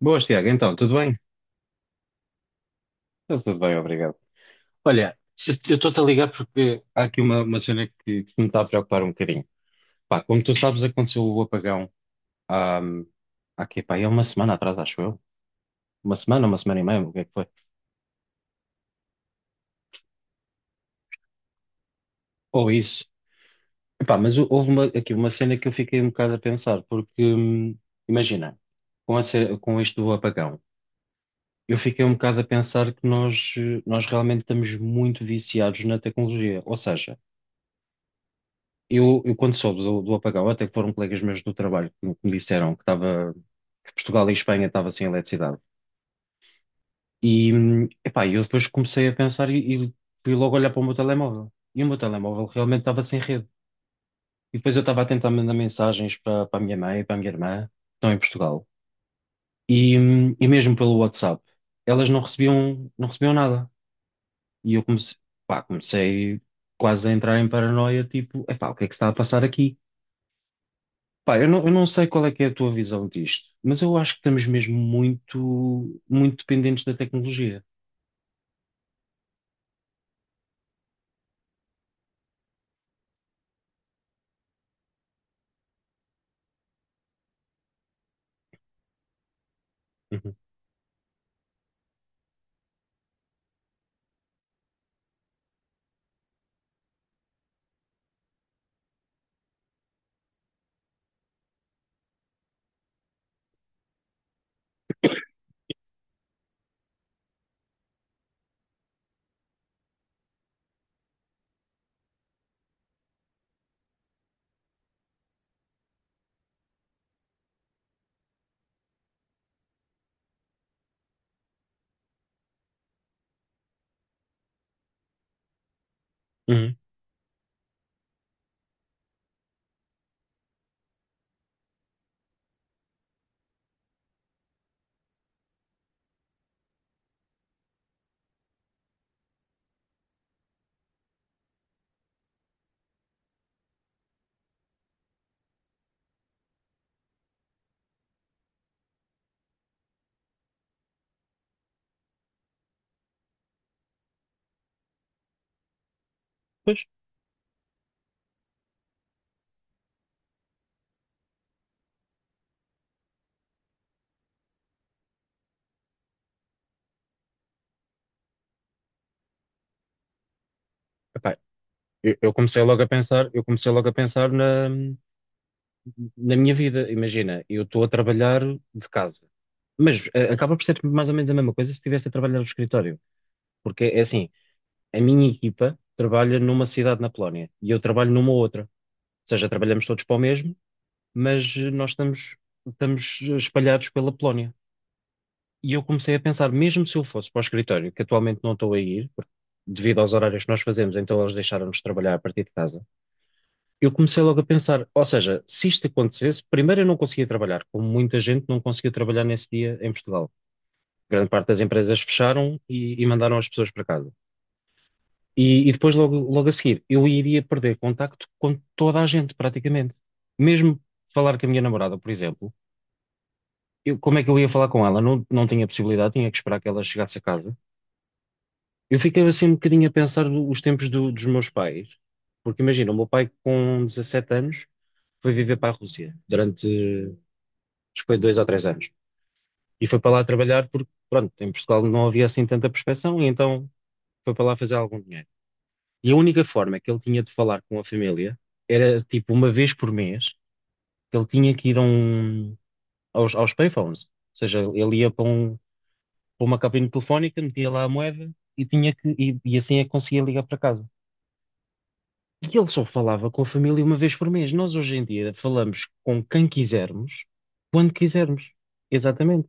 Boas, Tiago. Então, tudo bem? Está tudo bem, obrigado. Olha, eu estou-te a ligar porque há aqui uma cena que me está a preocupar um bocadinho. Pá, como tu sabes, aconteceu o apagão há, há aqui, pá, é uma semana atrás, acho eu. Uma semana e meia, o que é que foi? Ou isso. Epá, mas houve aqui uma cena que eu fiquei um bocado a pensar, porque, imagina, com isto do apagão, eu fiquei um bocado a pensar que nós, nós realmente estamos muito viciados na tecnologia. Ou seja, eu quando soube do apagão, até que foram colegas meus do trabalho que me disseram que estava, que Portugal e Espanha estavam sem eletricidade. E, epá, eu depois comecei a pensar e fui logo olhar para o meu telemóvel. E o meu telemóvel realmente estava sem rede. E depois eu estava a tentar mandar mensagens para a minha mãe e para a minha irmã, que estão em Portugal. E mesmo pelo WhatsApp, elas não recebiam, não recebiam nada. E eu comecei, pá, comecei quase a entrar em paranoia, tipo, epá, o que é que se está a passar aqui? Pá, eu não sei qual é que é a tua visão disto, mas eu acho que estamos mesmo muito, muito dependentes da tecnologia. Uhum. Uhum. Epá, eu comecei logo a pensar, eu comecei logo a pensar na minha vida. Imagina, eu estou a trabalhar de casa, mas acaba por ser mais ou menos a mesma coisa se estivesse a trabalhar do escritório, porque é assim, a minha equipa trabalha numa cidade na Polónia e eu trabalho numa outra, ou seja, trabalhamos todos para o mesmo, mas estamos espalhados pela Polónia. E eu comecei a pensar, mesmo se eu fosse para o escritório, que atualmente não estou a ir, porque devido aos horários que nós fazemos, então eles deixaram-nos trabalhar a partir de casa. Eu comecei logo a pensar, ou seja, se isto acontecesse, primeiro eu não conseguia trabalhar, como muita gente não conseguiu trabalhar nesse dia em Portugal. Grande parte das empresas fecharam e mandaram as pessoas para casa. E depois, logo, logo a seguir, eu iria perder contacto com toda a gente, praticamente. Mesmo falar com a minha namorada, por exemplo, como é que eu ia falar com ela? Não tinha possibilidade, tinha que esperar que ela chegasse a casa. Eu fiquei assim um bocadinho a pensar os tempos dos meus pais, porque imagina, o meu pai com 17 anos foi viver para a Rússia durante, acho que foi dois ou três anos, e foi para lá trabalhar porque, pronto, em Portugal não havia assim tanta prospeção, e então foi para lá fazer algum dinheiro. E a única forma que ele tinha de falar com a família era, tipo, uma vez por mês, que ele tinha que ir a um, aos payphones, ou seja, ele ia para, para uma cabine telefónica, metia lá a moeda, e tinha e assim é que conseguia ligar para casa. E ele só falava com a família uma vez por mês. Nós hoje em dia falamos com quem quisermos, quando quisermos. Exatamente.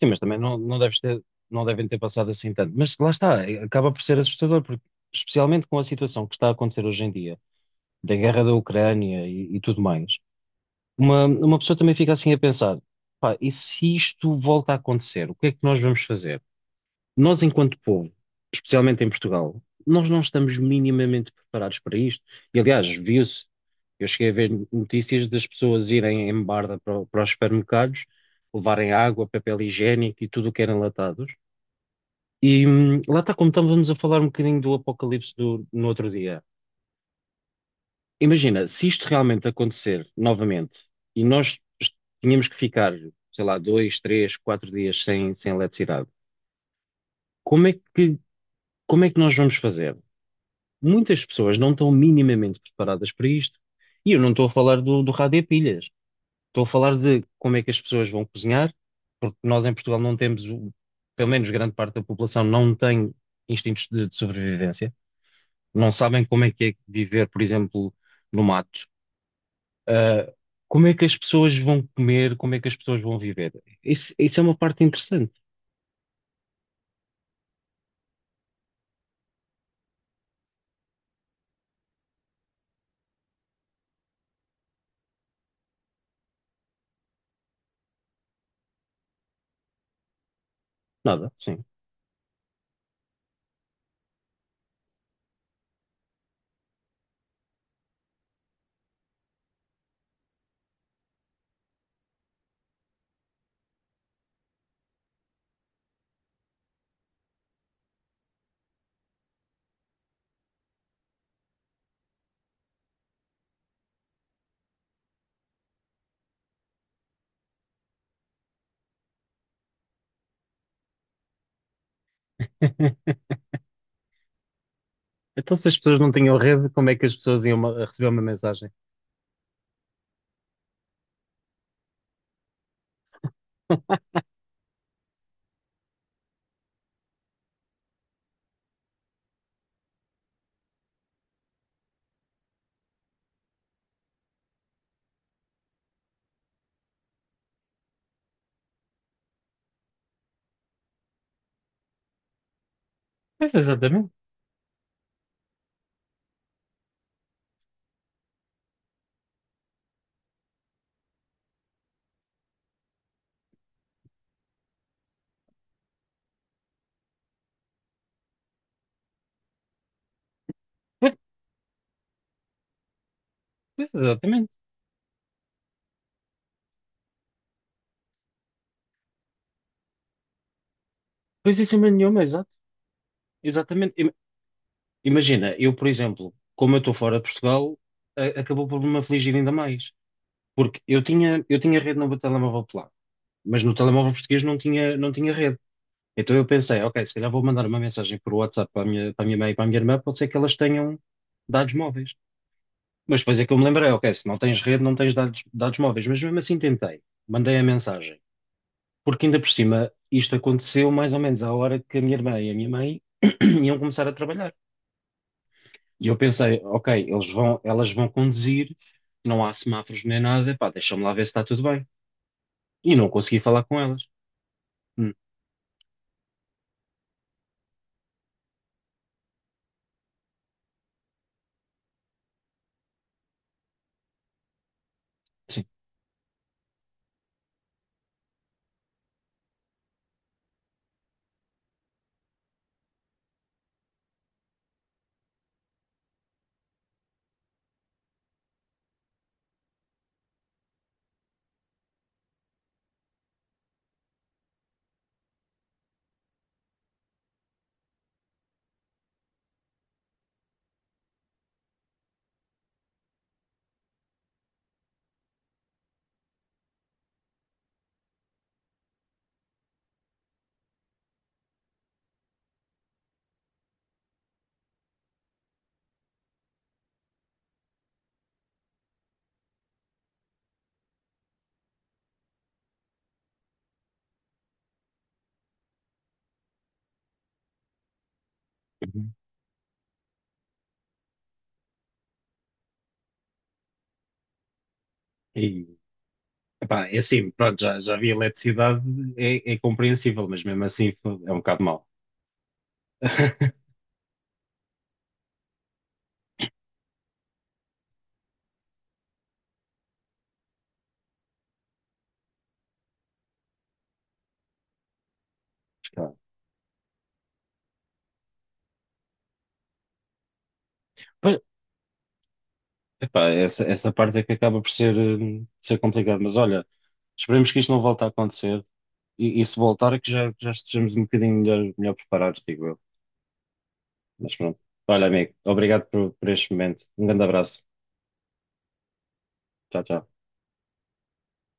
Sim, mas também não devem ter passado assim tanto. Mas lá está, é, acaba por ser assustador, porque especialmente com a situação que está a acontecer hoje em dia, da guerra da Ucrânia e tudo mais, uma pessoa também fica assim a pensar, pá, e se isto volta a acontecer, o que é que nós vamos fazer? Nós, enquanto povo, especialmente em Portugal, nós não estamos minimamente preparados para isto. E, aliás, viu-se. Eu cheguei a ver notícias das pessoas irem em barda para, para os supermercados, levarem água, papel higiênico e tudo o que era enlatados. E lá está, como estávamos a falar um bocadinho do apocalipse no outro dia. Imagina, se isto realmente acontecer novamente e tínhamos que ficar, sei lá, dois, três, quatro dias sem, sem eletricidade, como é que, como é que nós vamos fazer? Muitas pessoas não estão minimamente preparadas para isto. E eu não estou a falar do rádio a pilhas. Estou a falar de como é que as pessoas vão cozinhar, porque nós em Portugal não temos, pelo menos grande parte da população não tem instintos de sobrevivência, não sabem como é que é viver, por exemplo, no mato. Ah, como é que as pessoas vão comer, como é que as pessoas vão viver? Isso é uma parte interessante. Nada, sim. Então, se as pessoas não tinham rede, como é que as pessoas iam receber uma mensagem? Pois, exatamente. Pois, pois, exatamente. Pois, isso é nenhuma, exato. Exatamente. Imagina, eu, por exemplo, como eu estou fora de Portugal, acabou por me afligir ainda mais. Porque eu tinha rede no meu telemóvel polaco, mas no telemóvel português não tinha, não tinha rede. Então eu pensei, ok, se calhar vou mandar uma mensagem por WhatsApp para para a minha mãe e para a minha irmã, pode ser que elas tenham dados móveis. Mas depois é que eu me lembrei, ok, se não tens rede, não tens dados, dados móveis. Mas mesmo assim tentei, mandei a mensagem. Porque ainda por cima, isto aconteceu mais ou menos à hora que a minha irmã e a minha mãe iam começar a trabalhar. E eu pensei, ok, elas vão conduzir, não há semáforos nem nada, pá, deixa-me lá ver se está tudo bem. E não consegui falar com elas. Hum, sim. Uhum. E, pá, é assim, pronto, já havia eletricidade, é, é compreensível, mas mesmo assim é um bocado mau. Pá, pois, epá, essa parte é que acaba por ser, ser complicado, mas olha, esperemos que isto não volte a acontecer e se voltar é que já, já estejamos um bocadinho melhor, melhor preparados, digo eu. Mas pronto. Olha, amigo, obrigado por este momento. Um grande abraço. Tchau, tchau.